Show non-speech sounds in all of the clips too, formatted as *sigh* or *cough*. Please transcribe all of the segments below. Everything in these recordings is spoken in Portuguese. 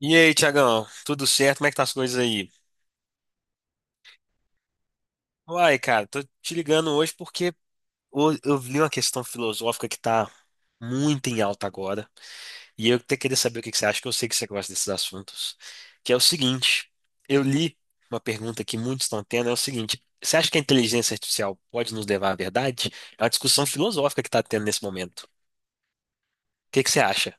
E aí, Tiagão, tudo certo? Como é que tá as coisas aí? Uai, cara, tô te ligando hoje porque eu vi uma questão filosófica que tá muito em alta agora, e eu até queria saber o que que você acha, que eu sei que você gosta desses assuntos, que é o seguinte, eu li uma pergunta que muitos estão tendo, é o seguinte, você acha que a inteligência artificial pode nos levar à verdade? É uma discussão filosófica que tá tendo nesse momento. O que que você acha?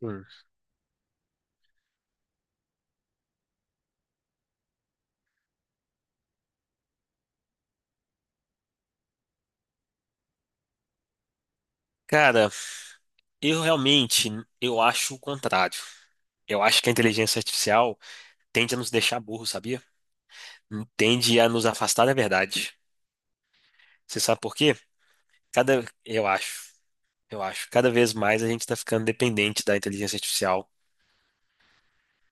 Hum. Cara, eu realmente, eu acho o contrário. Eu acho que a inteligência artificial tende a nos deixar burros, sabia? Tende a nos afastar da verdade. Você sabe por quê? Cada, eu acho, cada vez mais a gente está ficando dependente da inteligência artificial.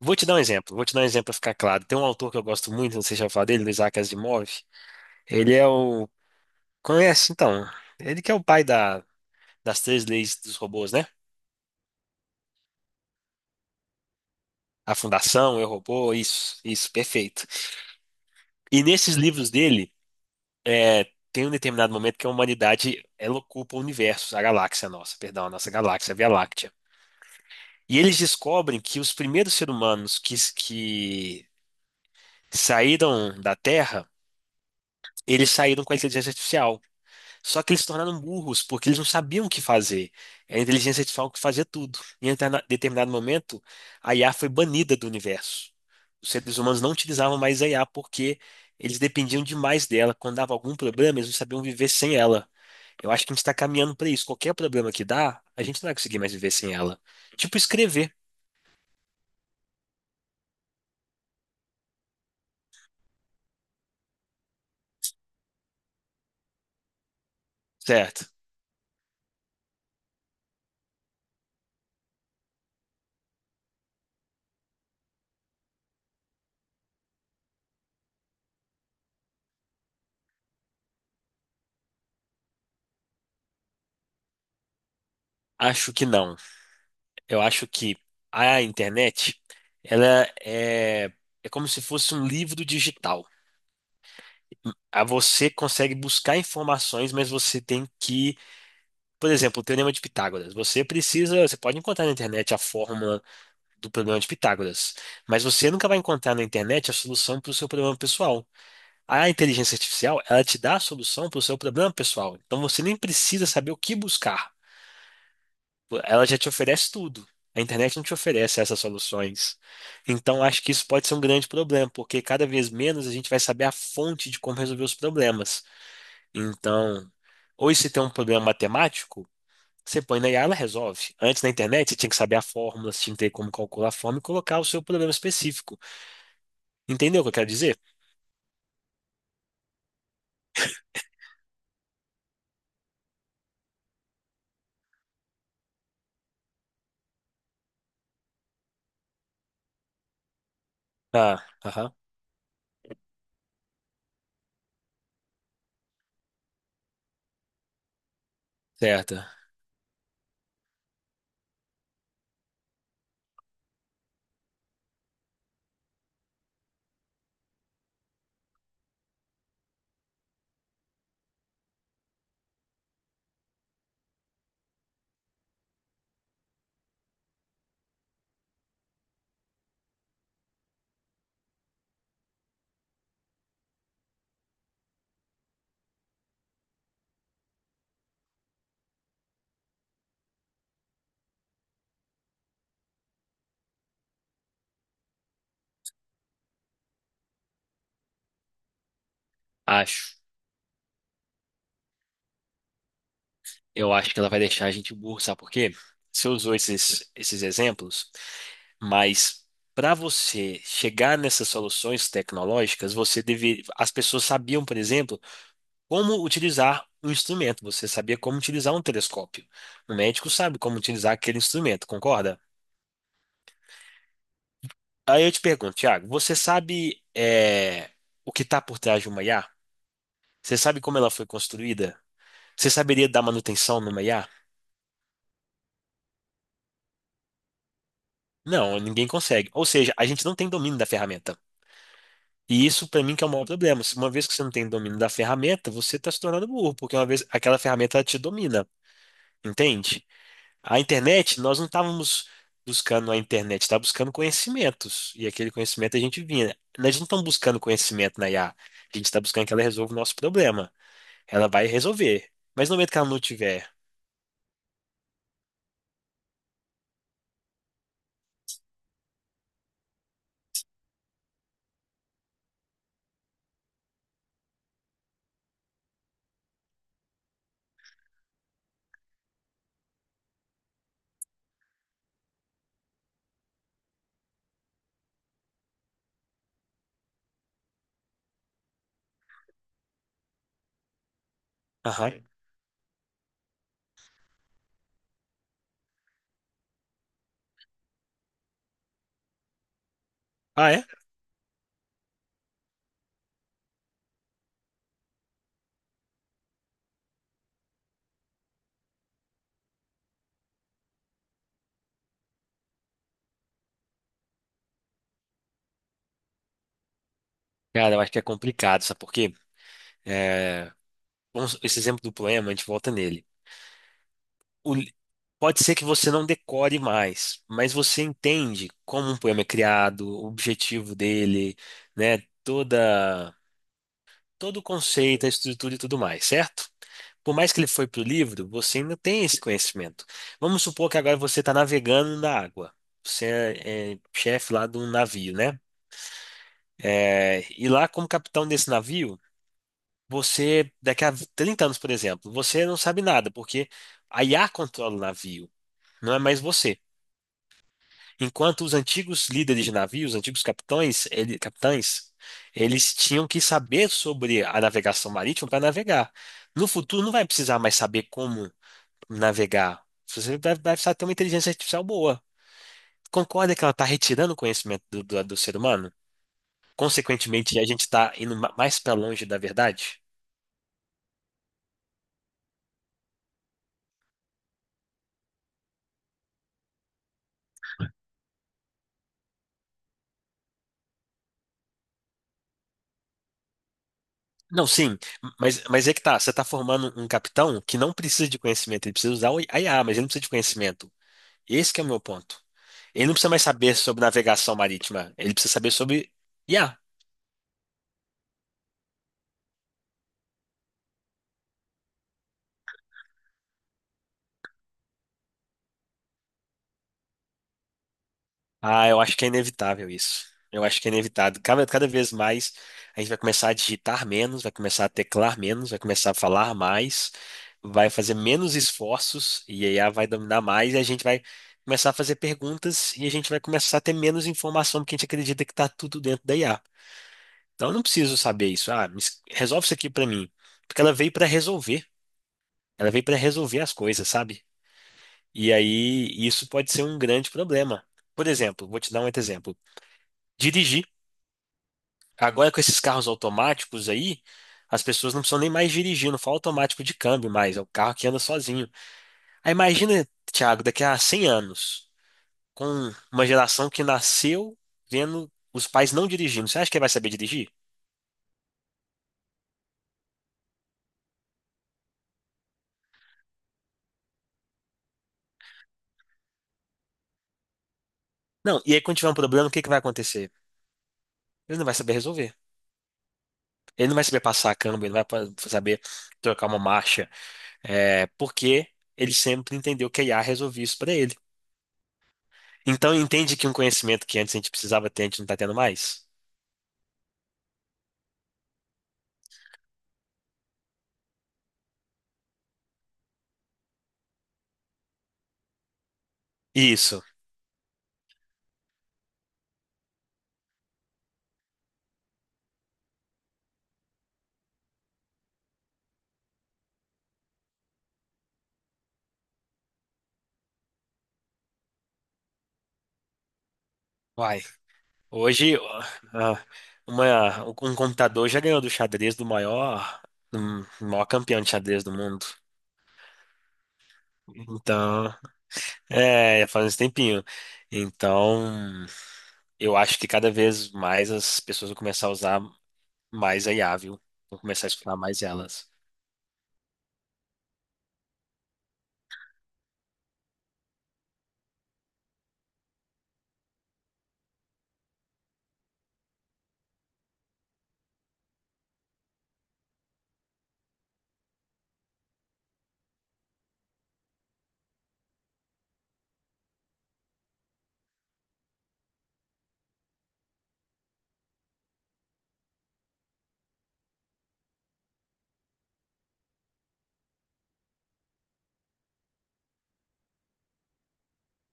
Vou te dar um exemplo, vou te dar um exemplo para ficar claro. Tem um autor que eu gosto muito, não sei se já falou dele, do Isaac Asimov. Ele é o, conhece então, ele que é o pai da, das três leis dos robôs, né? A Fundação, Eu, Robô, isso, perfeito. E nesses livros dele é, tem um determinado momento que a humanidade ela ocupa o universo, a galáxia nossa, perdão, a nossa galáxia, a Via Láctea. E eles descobrem que os primeiros seres humanos que saíram da Terra, eles saíram com a inteligência artificial. Só que eles se tornaram burros, porque eles não sabiam o que fazer. Era a inteligência artificial que fazia tudo. E em determinado momento, a IA foi banida do universo. Os seres humanos não utilizavam mais a IA porque eles dependiam demais dela. Quando dava algum problema, eles não sabiam viver sem ela. Eu acho que a gente está caminhando para isso. Qualquer problema que dá, a gente não vai conseguir mais viver sem ela. Tipo escrever, certo? Acho que não. Eu acho que a internet, ela é, é como se fosse um livro digital. Aí você consegue buscar informações, mas você tem que, por exemplo, o Teorema de Pitágoras. Você precisa, você pode encontrar na internet a fórmula do problema de Pitágoras, mas você nunca vai encontrar na internet a solução para o seu problema pessoal. A inteligência artificial, ela te dá a solução para o seu problema pessoal. Então você nem precisa saber o que buscar. Ela já te oferece tudo. A internet não te oferece essas soluções. Então acho que isso pode ser um grande problema, porque cada vez menos a gente vai saber a fonte de como resolver os problemas. Então, hoje se tem um problema matemático, você põe na IA, ela resolve. Antes na internet você tinha que saber a fórmula, você tinha que ter como calcular a fórmula e colocar o seu problema específico. Entendeu o que eu quero dizer? Ah, aham, certo. Acho. Eu acho que ela vai deixar a gente burro, sabe por quê? Você usou esses exemplos, mas para você chegar nessas soluções tecnológicas, você deve, as pessoas sabiam, por exemplo, como utilizar um instrumento. Você sabia como utilizar um telescópio. O médico sabe como utilizar aquele instrumento, concorda? Aí eu te pergunto, Thiago, você sabe o que está por trás de uma IA? Você sabe como ela foi construída? Você saberia dar manutenção numa IA? Não, ninguém consegue. Ou seja, a gente não tem domínio da ferramenta. E isso, para mim, que é o maior problema. Se uma vez que você não tem domínio da ferramenta, você está se tornando burro, porque uma vez aquela ferramenta ela te domina, entende? A internet, nós não estávamos buscando a internet, estávamos buscando conhecimentos. E aquele conhecimento a gente vinha. Nós não estamos buscando conhecimento na IA. A gente está buscando que ela resolva o nosso problema. Ela vai resolver. Mas no momento que ela não tiver. Aham. Ah, é? Cara, eu acho que é complicado, sabe por quê? É, vamos- esse exemplo do poema, a gente volta nele. o li- pode ser que você não decore mais, mas você entende como um poema é criado, o objetivo dele, né? Toda, todo o conceito, a estrutura e tudo mais, certo? Por mais que ele foi para o livro, você ainda tem esse conhecimento. Vamos supor que agora você está navegando na água. Você é chefe lá de um navio, né? É, e lá, como capitão desse navio, você, daqui a 30 anos, por exemplo, você não sabe nada, porque a IA controla o navio, não é mais você. Enquanto os antigos líderes de navios, os antigos capitães, capitães, eles tinham que saber sobre a navegação marítima para navegar. No futuro, não vai precisar mais saber como navegar. Você vai, precisar ter uma inteligência artificial boa. Concorda que ela está retirando o conhecimento do ser humano? Consequentemente, a gente está indo mais para longe da verdade? Não, sim, mas é que tá. Você está formando um capitão que não precisa de conhecimento, ele precisa usar I a mas ele não precisa de conhecimento. Esse que é o meu ponto. Ele não precisa mais saber sobre navegação marítima, ele precisa saber sobre IA. Ah, eu acho que é inevitável isso. Eu acho que é inevitável. Cada vez mais a gente vai começar a digitar menos, vai começar a teclar menos, vai começar a falar mais, vai fazer menos esforços e a IA vai dominar mais e a gente vai começar a fazer perguntas e a gente vai começar a ter menos informação porque a gente acredita que está tudo dentro da IA. Então eu não preciso saber isso. Ah, resolve isso aqui para mim. Porque ela veio para resolver. Ela veio para resolver as coisas, sabe? E aí isso pode ser um grande problema. Por exemplo, vou te dar um outro exemplo. Dirigir. Agora com esses carros automáticos aí, as pessoas não precisam nem mais dirigir, não fala automático de câmbio mais, é o carro que anda sozinho. Aí imagina, Thiago, daqui a 100 anos, com uma geração que nasceu vendo os pais não dirigindo. Você acha que ele vai saber dirigir? Não. E aí quando tiver um problema, o que que vai acontecer? Ele não vai saber resolver. Ele não vai saber passar a câmbio, ele não vai saber trocar uma marcha. É, porque ele sempre entendeu que a IA resolvia isso para ele. Então entende que um conhecimento que antes a gente precisava ter, a gente não está tendo mais? Isso. Uai. Hoje, ó, ah, um computador já ganhou do xadrez do maior campeão de xadrez do mundo. Então, é, já faz um tempinho. Então, eu acho que cada vez mais as pessoas vão começar a usar mais a IA, viu? Vão começar a escutar mais elas.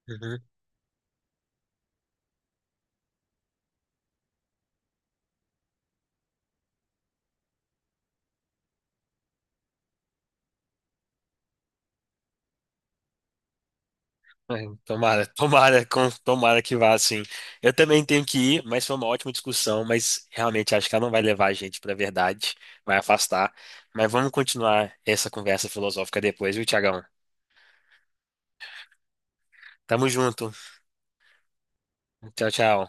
Uhum. Ai, tomara, *laughs* tomara, tomara que vá assim. Eu também tenho que ir, mas foi uma ótima discussão, mas realmente acho que ela não vai levar a gente para a verdade, vai afastar. Mas vamos continuar essa conversa filosófica depois, viu, Tiagão? Tamo junto. Tchau, tchau.